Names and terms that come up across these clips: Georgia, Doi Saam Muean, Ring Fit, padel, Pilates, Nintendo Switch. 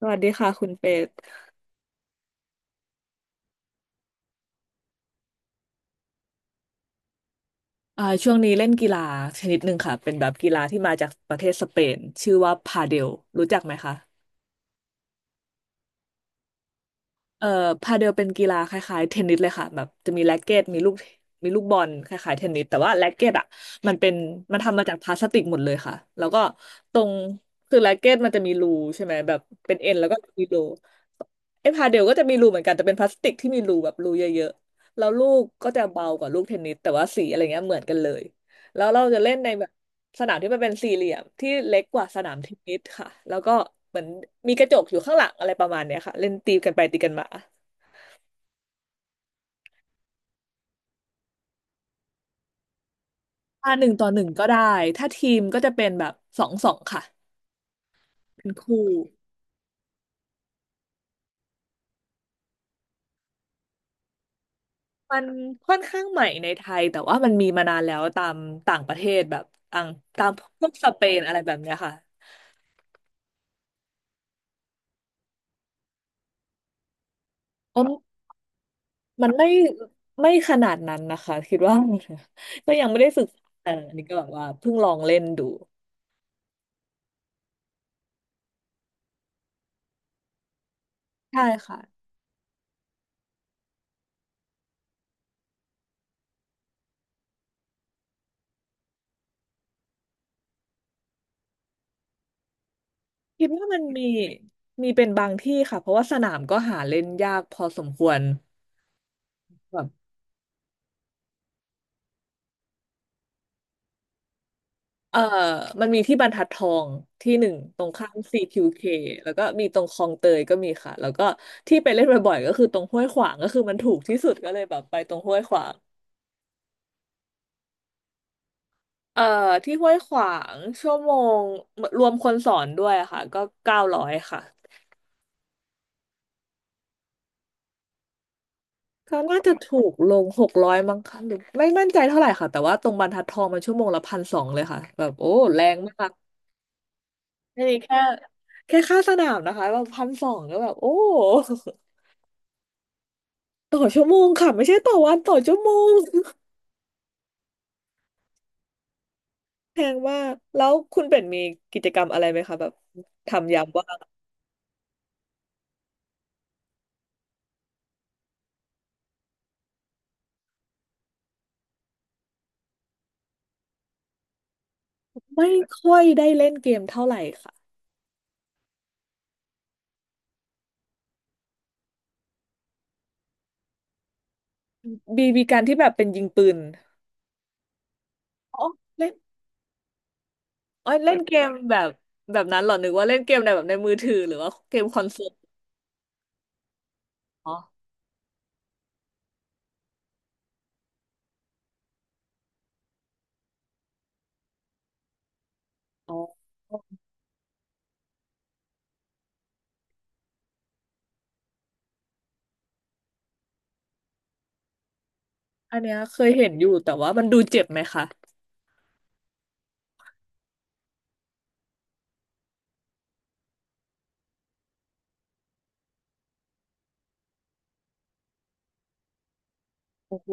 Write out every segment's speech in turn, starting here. สวัสดีค่ะคุณเป็ดช่วงนี้เล่นกีฬาชนิดหนึ่งค่ะเป็นแบบกีฬาที่มาจากประเทศสเปนชื่อว่าพาเดลรู้จักไหมคะ เอ่อพาเดลเป็นกีฬาคล้ายๆเทนนิสเลยค่ะแบบจะมีแร็กเกตมีลูกมีบอลคล้ายๆเทนนิสแต่ว่าแร็กเกตอ่ะมันเป็นมันทำมาจากพลาสติกหมดเลยค่ะแล้วก็ตรงคือแร็กเกตมันจะมีรูใช่ไหมแบบเป็นเอ็นแล้วก็มีรูไอ้พาเดลก็จะมีรูเหมือนกันแต่เป็นพลาสติกที่มีรูแบบรูเยอะๆแล้วลูกก็จะเบากว่าลูกเทนนิสแต่ว่าสีอะไรเงี้ยเหมือนกันเลยแล้วเราจะเล่นในแบบ สนามที่มันเป็นสี่เหลี่ยมที่เล็กกว่าสนามเทนนิสค่ะแล้วก็เหมือนมีกระจกอยู่ข้างหลังอะไรประมาณเนี้ยค่ะเล่นตีกันไปตีกันมาหนึ่งต่อหนึ่งก็ได้ถ้าทีมก็จะเป็นแบบสองสองค่ะเป็นคู่มันค่อนข้างใหม่ในไทยแต่ว่ามันมีมานานแล้วตามต่างประเทศแบบต่างตามพวกสเปนอะไรแบบเนี้ยค่ะอ๋อมันไม่ขนาดนั้นนะคะคิดว่า ก็ยังไม่ได้ฝึกแต่อันนี้ก็แบบว่าเพิ่งลองเล่นดูใช่ค่ะ คิดว่ามันมีเป็นบางที่ค่ะเพราะว่าสนามก็หาเล่นยากพอสมควรแบบเออมันมีที่บรรทัดทองที่หนึ่งตรงข้าม CQK แล้วก็มีตรงคลองเตยก็มีค่ะแล้วก็ที่ไปเล่นบ่อยๆก็คือตรงห้วยขวางก็คือมันถูกที่สุดก็เลยแบบไปตรงห้วยขวางเอ่อที่ห้วยขวางชั่วโมงรวมคนสอนด้วยอะค่ะก็เก้าร้อยค่ะก็น่าจะถูกลงหกร้อยมั้งค่ะหรือไม่มั่นใจเท่าไหร่ค่ะแต่ว่าตรงบรรทัดทองมันชั่วโมงละพันสองเลยค่ะแบบโอ้แรงมาก อันนี้แค่แค่ค่าสนามนะคะแบบพันสองก็แบบโอ้ ต่อชั่วโมงค่ะไม่ใช่ต่อวันต่อชั่วโมง แพงมากแล้วคุณเป็นมีกิจกรรมอะไรไหมคะแบบทำยามว่างไม่ค่อยได้เล่นเกมเท่าไหร่ค่ะบีบีการที่แบบเป็นยิงปืนอ๋อเล่นอ๋อเล่นเกมแบบแบบนั้นเหรอนึกว่าเล่นเกมในแบบในมือถือหรือว่าเกมคอนโซลอ๋ออ๋ออันเนี้ยเคยเห็นอยู่แต่ว่ามันดูเจ็บไหมคะโอ้โห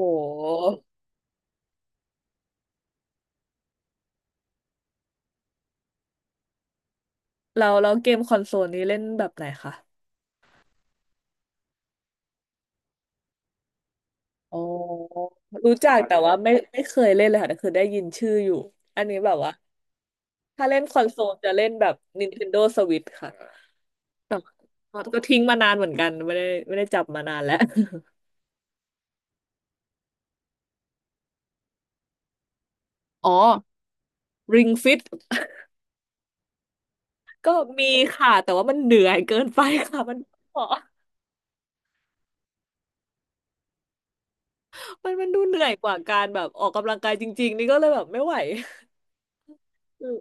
เราเราเกมคอนโซลนี้เล่นแบบไหนคะ โอ้รู้จัก แต่ว่าไม่เคยเล่นเลยค่ะแต่คือได้ยินชื่ออยู่อันนี้แบบว่าถ้าเล่นคอนโซลจะเล่นแบบ Nintendo Switch ค่ะแต่ว่าก็ทิ้งมานานเหมือนกันไม่ได้จับมานานแล้วอ๋อ Ring Fit ก็มีค่ะแต่ว่ามันเหนื่อยเกินไปค่ะมันอ๋อมันมันดูเหนื่อยกว่าการแบบออกกำลังกายจริงๆนี่ก็เลยแบบไม่ไหวอืม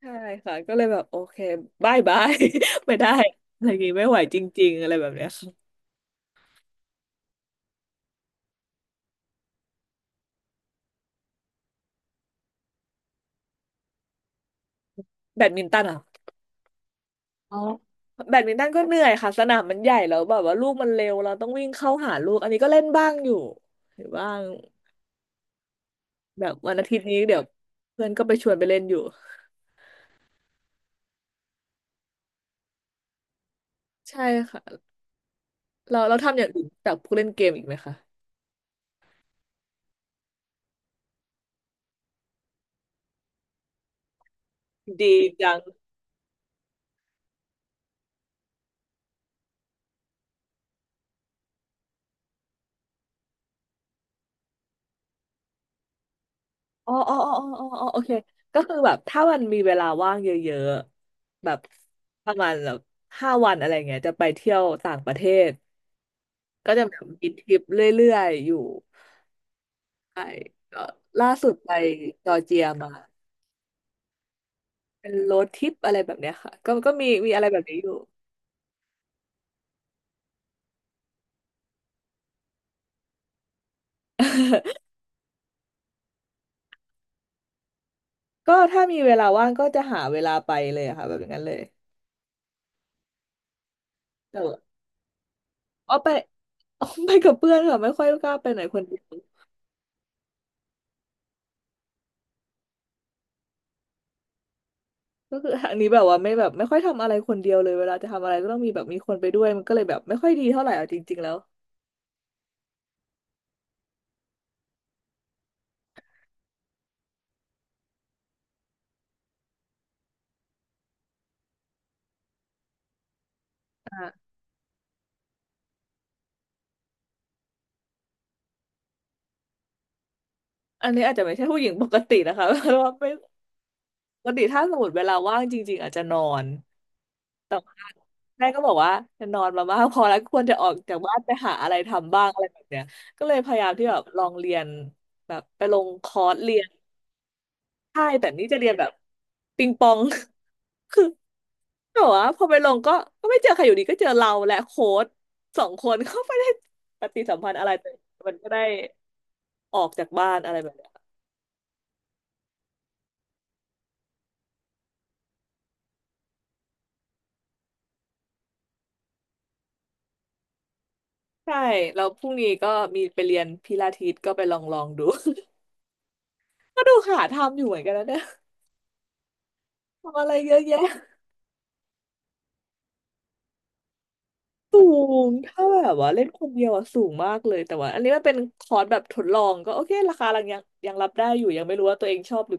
ใช่ค่ะก็เลยแบบโอเคบายบาย ไม่ได้อะไรอย่างงี้ไม่ไหวจริงๆอะไรแบบเนี้ยค่ะแบดมินตันอ่ะ อ๋อแบดมินตันก็เหนื่อยค่ะสนามมันใหญ่แล้วแบบว่าลูกมันเร็วเราต้องวิ่งเข้าหาลูกอันนี้ก็เล่นบ้างอยู่เห็นบ้างแบบวันอาทิตย์นี้เดี๋ยวเพื่อนก็ไปชวนไปเล่นอยู่ใช่ค่ะเราเราทำอย่างอื่นจากพวกเล่นเกมอีกไหมคะดีจังอ๋ออ๋ออ๋ออ๋ออ๋อโอเคก็คือแบบถ้ามันมีเวลาว่างเยอะๆแบบประมาณแบบห้าวันอะไรเงี้ยจะไปเที่ยวต่างประเทศก็จะแบบมีทริปเรื่อยๆอยู่ใช่ก็ล่าสุดไปจอร์เจียมา เป็นโรดทริปอะไรแบบเนี้ยค่ะก็ก็มีอะไรแบบนี้อยู่ก็ถ้ามีเวลาว่างก็จะหาเวลาไปเลยอะค่ะแบบอย่างนั้นเลยแต่ว่าอ๋อไป อ๋อไปกับเพื่อนค่ะไม่ค่อยกล้าไปไหนคนเดียวก็คืออันนี้แบบว่าไม่แบบไม่ค่อยทำอะไรคนเดียวเลยเวลาจะทำอะไรก็ต้องมีแบบมีคนไปด้วยมันก็เลยแบบไม่ค่อยดีเท่าไหร่เอาจริงๆแล้วอ่าอันนี้อาจจะไม่ใช่ผู้หญิงปกตินะคะ เพราะว่าไม่ปกติถ้าสมมติเวลาว่างจริงๆอาจจะนอน แต่ว่าแม่ก็บอกว่าจะนอนมามากพอแล้วควรจะออกจากบ้านไปหาอะไรทำบ้างอะไรแบบเนี้ยก็เลยพยายามที่แบบลองเรียนแบบไปลงคอร์สเรียนใช่แต่นี่จะเรียนแบบปิงปอง คือแต่ว่าพอไปลงก็ไม่เจอใครอยู่ดีก็เจอเราและโค้ชสองคนเขาไม่ได้ปฏิสัมพันธ์อะไรแต่มันก็ได้ออกจากบ้านอะไรแบบเนี้ยใช่แล้วพรุ่งนี้ก็มีไปเรียนพิลาทิสก็ไปลองดู ก็ดูหาทำอยู่เหมือนกันนะเนี่ยทำอะไรเยอะแยะ สูงถ้าแบบว่าเล่นคนเดียวอะสูงมากเลยแต่ว่าอันนี้มันเป็นคอร์สแบบทดลองก็โอเคราคายังรับได้อยู่ยังไม่รู้ว่าตัวเองชอบหรือ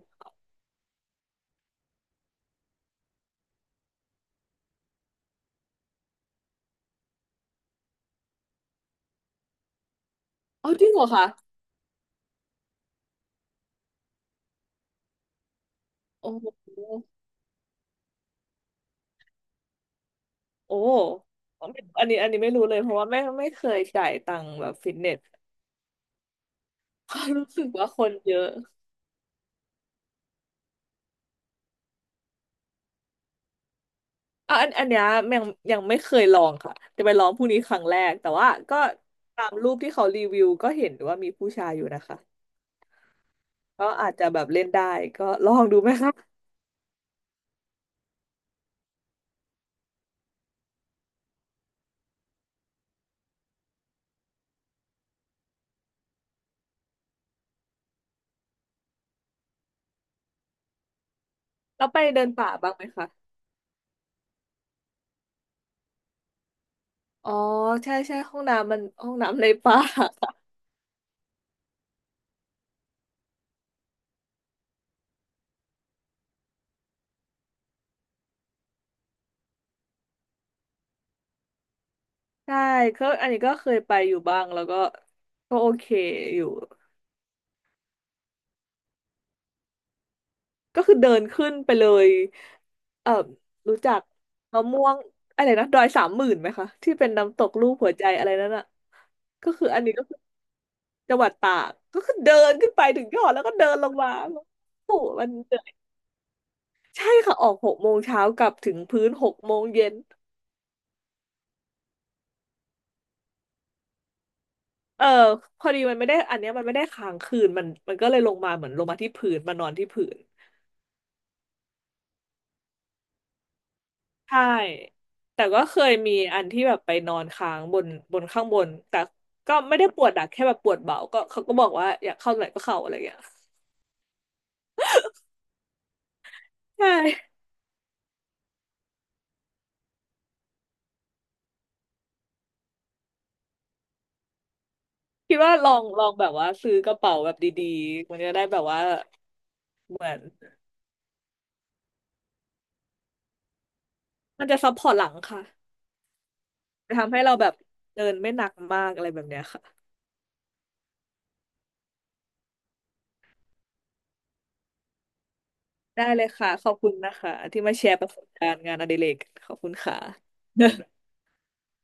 เอาจริงเหรอคะโอ้โหโอ้อันนี้ไม่รู้เลยเพราะว่าไม่เคยจ่ายตังค์แบบฟิตเนสรู้สึกว่าคนเยอะอ่ะอันเนี้ยยังยังไม่เคยลองค่ะจะไปลองพรุ่งนี้ครั้งแรกแต่ว่าก็ตามรูปที่เขารีวิวก็เห็นว่ามีผู้ชายอยู่นะคะก็อาจจะแบบเล่นได้ก็ลองดูไหมคะแล้วไปเดินป่าบ้างไหมคะ อ๋อใช่ใช่ห้องน้ำมันห้องน้ำในป่า ใช่ก็อันนี้ก็เคยไปอยู่บ้างแล้วก็ก็โอเคอยู่ก็คือเดินขึ้นไปเลยเอ่อรู้จักมะม่วงอะไรนะดอยสามหมื่นไหมคะที่เป็นน้ำตกรูปหัวใจอะไรนั่นอ่ะก็คืออันนี้ก็คือจังหวัดตากก็คือเดินขึ้นไปถึงยอดแล้วก็เดินลงมาโอ้โหมันเหนื่อยใช่ค่ะออกหกโมงเช้ากลับถึงพื้นหกโมงเย็น เออพอดีมันไม่ได้อันเนี้ยมันไม่ได้ค้างคืนมันก็เลยลงมาเหมือนลงมาที่พื้นมานอนที่พื้นใช่แต่ก็เคยมีอันที่แบบไปนอนค้างบนข้างบนแต่ก็ไม่ได้ปวดหนักแค่แบบปวดเบาก็เขาก็บอกว่าอยากเข้าไหนก็เข้าอะไรอย่างเงี้ยใช่คิดว่าลองแบบว่าซื้อกระเป๋าแบบดีๆมันจะได้แบบว่าเหมือนมันจะซัพพอร์ตหลังค่ะจะทำให้เราแบบเดินไม่หนักมากอะไรแบบเนี้ยค่ะได้เลยค่ะขอบคุณนะคะที่มาแชร์ประสบการณ์งานอดิเรกขอบคุณค่ะ